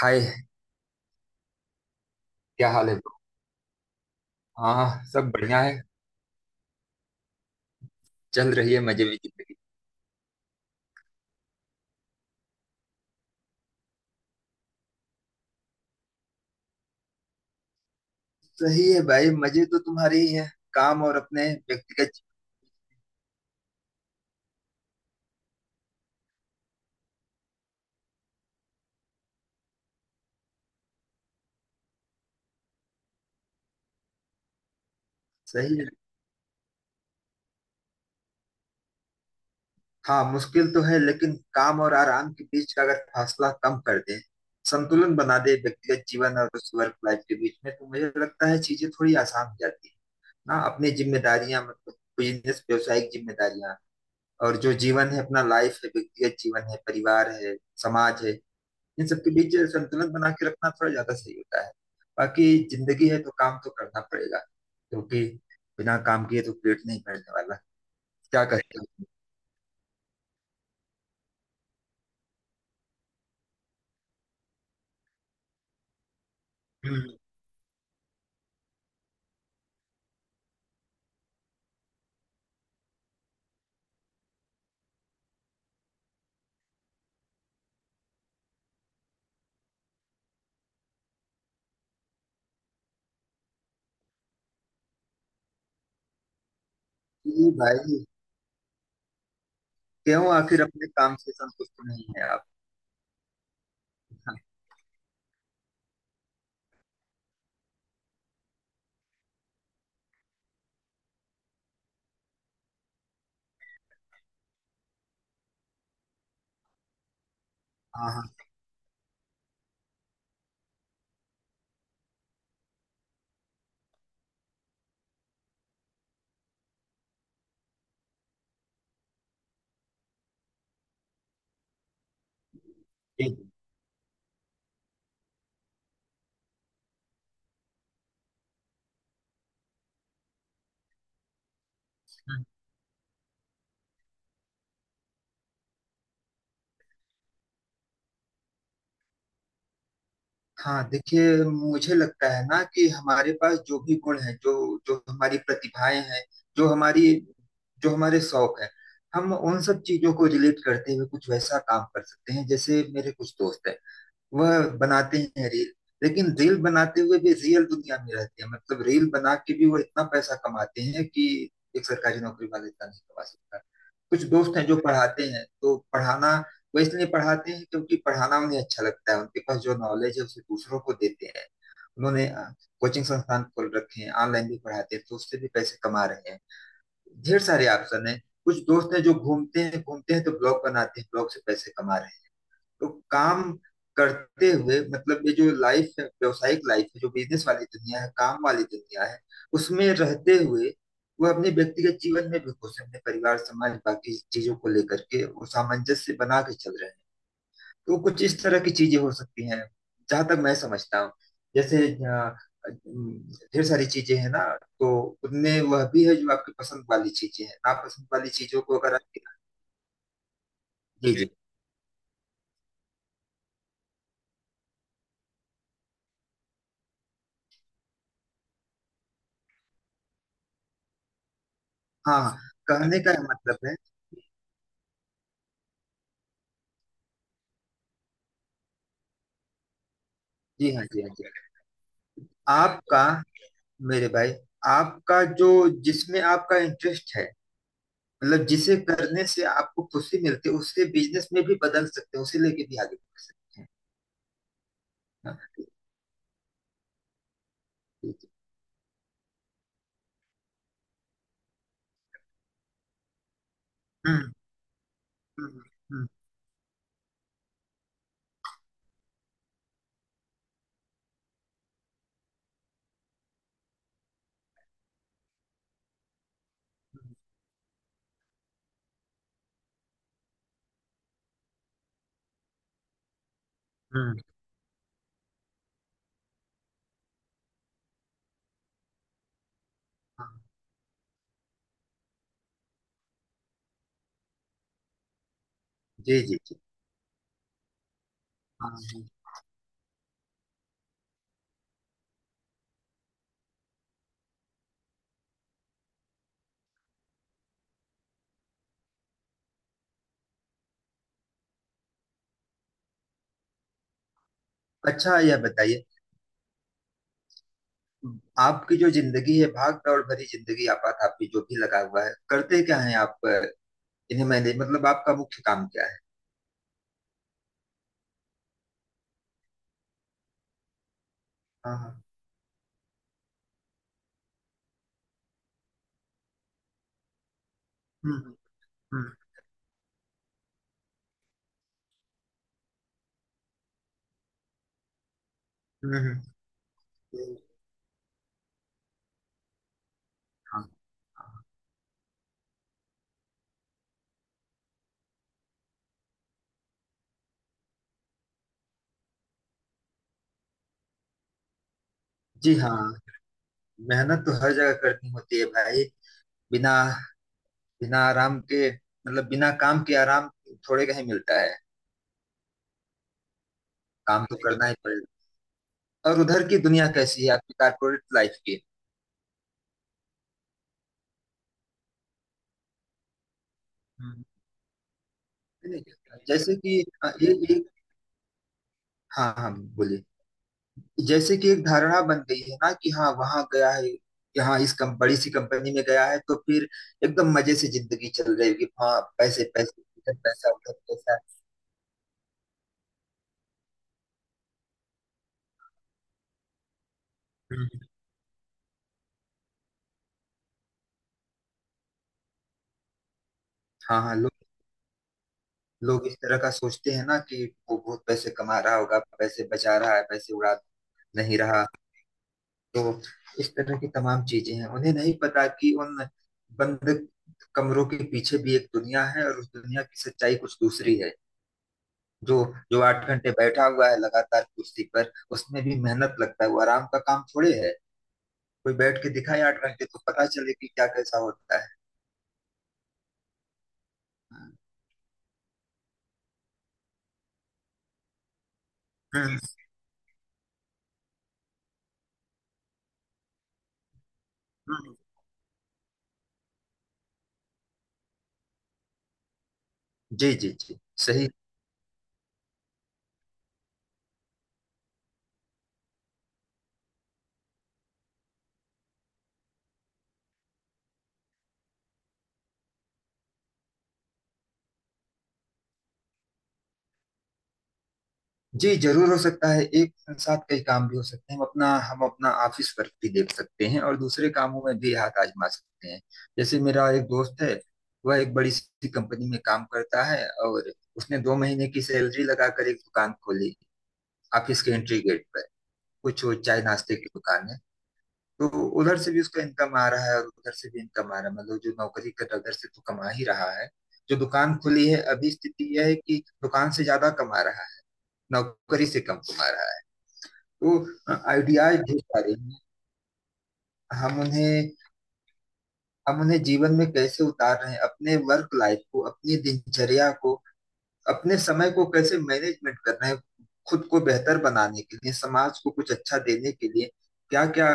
हाय क्या हाल है bro? हाँ सब बढ़िया है। चल रही है मजे में जिंदगी। सही है भाई मजे तो तुम्हारे ही हैं। काम और अपने व्यक्तिगत जीवन। सही है। हाँ मुश्किल तो है लेकिन काम और आराम के बीच का अगर फासला कम कर दे, संतुलन बना दे व्यक्तिगत जीवन और उस वर्क लाइफ के बीच में, तो मुझे लगता है चीजें थोड़ी आसान हो जाती है ना। अपनी जिम्मेदारियां मतलब बिजनेस, व्यावसायिक जिम्मेदारियां, और जो जीवन है, अपना लाइफ है, व्यक्तिगत जीवन है, परिवार है, समाज है, इन सबके बीच संतुलन बना के रखना थोड़ा ज्यादा सही होता है। बाकी जिंदगी है तो काम तो करना पड़ेगा क्योंकि बिना काम किए तो पेट नहीं भरने वाला। क्या कहते हो? हम्म। जी भाई। क्यों, आखिर अपने काम से संतुष्ट नहीं है आप? हाँ हाँ हाँ। ठीक है। हम्म। हाँ देखिए, मुझे लगता है ना कि हमारे पास जो भी गुण है, जो जो हमारी प्रतिभाएं हैं, जो हमारी जो हमारे शौक है, हम उन सब चीजों को रिलेट करते हुए कुछ वैसा काम कर सकते हैं। जैसे मेरे कुछ दोस्त हैं, वह बनाते हैं रील। लेकिन रील बनाते हुए भी रियल दुनिया में रहते हैं। मतलब रील बना के भी वो इतना पैसा कमाते हैं कि एक सरकारी नौकरी वाला इतना नहीं कमा सकता। कुछ दोस्त हैं जो पढ़ाते हैं तो पढ़ाना, वो इसलिए पढ़ाते हैं क्योंकि पढ़ाना उन्हें अच्छा लगता है। उनके पास जो नॉलेज है उसे दूसरों को देते हैं। उन्होंने कोचिंग संस्थान खोल रखे हैं, ऑनलाइन भी पढ़ाते हैं, तो उससे भी पैसे कमा रहे हैं। ढेर सारे ऑप्शन है। कुछ दोस्त हैं जो घूमते हैं, घूमते हैं तो ब्लॉग बनाते हैं, ब्लॉग से पैसे कमा रहे हैं। तो काम करते हुए मतलब ये जो लाइफ है, व्यावसायिक लाइफ है, जो बिजनेस वाली दुनिया है, काम वाली दुनिया है, उसमें रहते हुए वह अपने व्यक्तिगत जीवन में भी खुश है। अपने परिवार, समाज, बाकी चीजों को लेकर के वो सामंजस्य बना के चल रहे हैं। तो कुछ इस तरह की चीजें हो सकती हैं, जहां तक मैं समझता हूँ। जैसे अ, ढेर सारी चीजें हैं ना, तो उनमें वह भी है जो आपकी पसंद वाली चीजें हैं। नापसंद वाली चीजों को अगर आप, जी जी जी। हाँ हाँ, कहने का मतलब है, जी हाँ जी हाँ जी। आपका, मेरे भाई, आपका जो जिसमें आपका इंटरेस्ट है, मतलब जिसे करने से आपको खुशी मिलती है, उससे बिजनेस में भी बदल सकते हैं, उसे लेके भी आगे बढ़ सकते हैं। हाँ, हम्म हम्म, हम्म हम्म, हम्म, हाँ, जी जी जी। हाँ हाँ। अच्छा, यह बताइए, आपकी जो जिंदगी है, भाग दौड़ भरी जिंदगी, आपात आपकी जो भी लगा हुआ है, करते क्या है आप? इन्हें मैंने, मतलब आपका मुख्य काम क्या है? हाँ हाँ। हम्म हम्म। हम्म हम्म, हम्म, हाँ हाँ। जी हाँ। मेहनत तो हर जगह करनी होती है भाई। बिना, बिना आराम के, मतलब बिना काम के आराम थोड़े कहीं मिलता है। काम तो करना ही पड़ेगा। और उधर की दुनिया कैसी है आपकी, कारपोरेट लाइफ की? हम्म, है ना? जैसे कि ये एक, हाँ हाँ बोलिए, जैसे कि एक धारणा बन गई है ना कि हाँ वहां गया है, यहाँ इस कम बड़ी सी कंपनी में गया है, तो फिर एकदम मजे से जिंदगी चल रही होगी, हाँ पैसे पैसे, इधर पैसा उधर पैसा। हम्म। हाँ हाँ। लोग इस तरह का सोचते हैं ना कि वो बहुत पैसे कमा रहा होगा, पैसे बचा रहा है, पैसे उड़ा नहीं रहा। तो इस तरह की तमाम चीजें हैं, उन्हें नहीं पता कि उन बंद कमरों के पीछे भी एक दुनिया है, और उस दुनिया की सच्चाई कुछ दूसरी है। जो जो 8 घंटे बैठा हुआ है लगातार कुर्सी पर, उसमें भी मेहनत लगता है, वो आराम का काम थोड़े है। कोई बैठ के दिखाए 8 घंटे तो पता चले कि क्या कैसा होता है। हम्म, हम्म, जी जी जी। सही। जी जरूर हो सकता है। एक साथ कई काम भी हो सकते हैं। हम अपना ऑफिस वर्क भी देख सकते हैं और दूसरे कामों में भी हाथ आजमा सकते हैं। जैसे मेरा एक दोस्त है, वह एक बड़ी सी कंपनी में काम करता है, और उसने 2 महीने की सैलरी लगाकर एक दुकान खोली, ऑफिस के एंट्री गेट पर। कुछ वो चाय नाश्ते की दुकान है। तो उधर से भी उसका इनकम आ रहा है और उधर से भी इनकम आ रहा है। मतलब जो नौकरी कर रहा है, उधर से तो कमा ही रहा है। जो दुकान खुली है, अभी स्थिति यह है कि दुकान से ज्यादा कमा रहा है, नौकरी से कम कमा रहा है वो। आइडियाज ढेर सारे हैं। हम उन्हें हम उन्हें जीवन में कैसे उतार रहे हैं, अपने वर्क लाइफ को, अपनी दिनचर्या को, अपने समय को कैसे मैनेजमेंट कर रहे हैं, खुद को बेहतर बनाने के लिए, समाज को कुछ अच्छा देने के लिए क्या क्या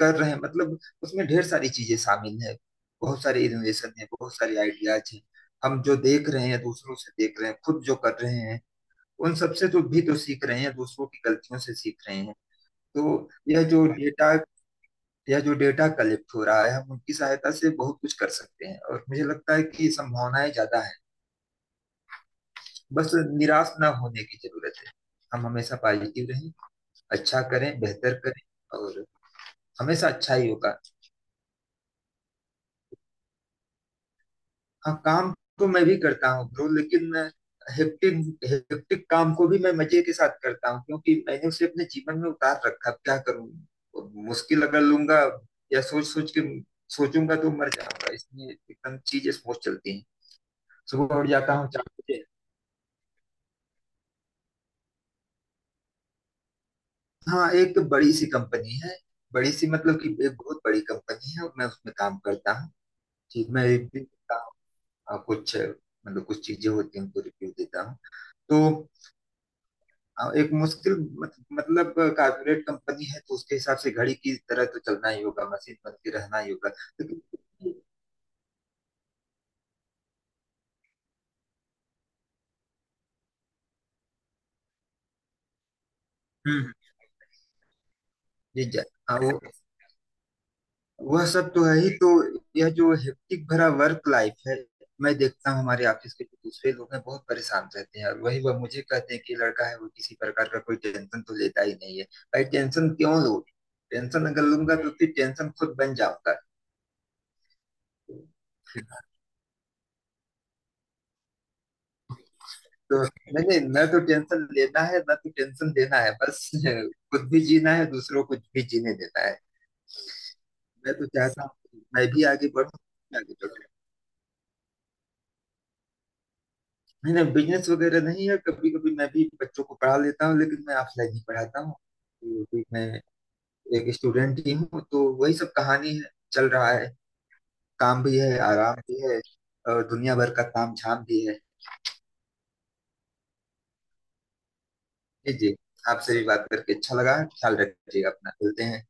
कर रहे हैं, मतलब उसमें ढेर सारी चीजें शामिल है। बहुत सारे इनोवेशन है, बहुत सारे आइडियाज हैं। हम जो देख रहे हैं, दूसरों से देख रहे हैं, खुद जो कर रहे हैं, उन सबसे तो भी तो सीख रहे हैं, दूसरों की गलतियों से सीख रहे हैं। तो यह जो डेटा या जो डेटा कलेक्ट हो रहा है, हम उनकी सहायता से बहुत कुछ कर सकते हैं, और मुझे लगता है कि संभावनाएं ज्यादा है। बस निराश ना होने की जरूरत है। हम हमेशा पॉजिटिव रहें, अच्छा करें, बेहतर करें, और हमेशा अच्छा ही होगा। हाँ काम तो मैं भी करता हूँ ब्रो, लेकिन हेक्टिक, हेक्टिक काम को भी मैं मजे के साथ करता हूँ, क्योंकि मैंने उसे अपने जीवन में उतार रखा। अब क्या करूँ, मुश्किल अगर लूंगा या सोच सोच के सोचूंगा तो मर जाऊंगा, इसलिए एकदम चीजें स्मूथ चलती हैं। सुबह उठ जाता हूँ 4 बजे। हाँ एक तो बड़ी सी कंपनी है। बड़ी सी मतलब कि एक बहुत बड़ी कंपनी है और मैं उसमें काम करता हूँ। ठीक, मैं रिव्यू देता हूँ। कुछ मतलब कुछ चीजें होती हैं, उनको रिव्यू देता हूँ तो। एक मुश्किल, मत, मतलब कॉर्पोरेट कंपनी है तो उसके हिसाब से घड़ी की तरह तो चलना ही होगा, मशीन बन के रहना ही होगा। लेकिन, हम्म हम्म, जी जा, हाँ वो, वह सब तो है ही। तो यह जो हेक्टिक भरा वर्क लाइफ है, मैं देखता हूँ हमारे ऑफिस के जो दूसरे लोग हैं बहुत परेशान रहते हैं, और वही वह मुझे कहते हैं कि लड़का है वो, किसी प्रकार का कोई टेंशन तो लेता ही नहीं है। भाई टेंशन क्यों लोगे, टेंशन अगर लूंगा तो फिर टेंशन खुद बन जाऊंगा। तो मैंने न तो टेंशन लेना है, न तो टेंशन देना है, बस खुद भी जीना है, दूसरों को भी जीने देना है। मैं तो चाहता हूँ मैं भी आगे बढ़ूँ, आगे बढ़ूँ। नहीं नहीं, बिजनेस वगैरह नहीं है। कभी कभी मैं भी बच्चों को पढ़ा लेता हूँ, लेकिन मैं ऑफलाइन ही पढ़ाता हूँ। तो अभी मैं एक स्टूडेंट ही हूँ, तो वही सब कहानी है, चल रहा है। काम भी है, आराम भी है, और दुनिया भर का काम झाम भी है। जी जी। आपसे भी बात करके अच्छा लगा। ख्याल रखिएगा अपना। मिलते हैं।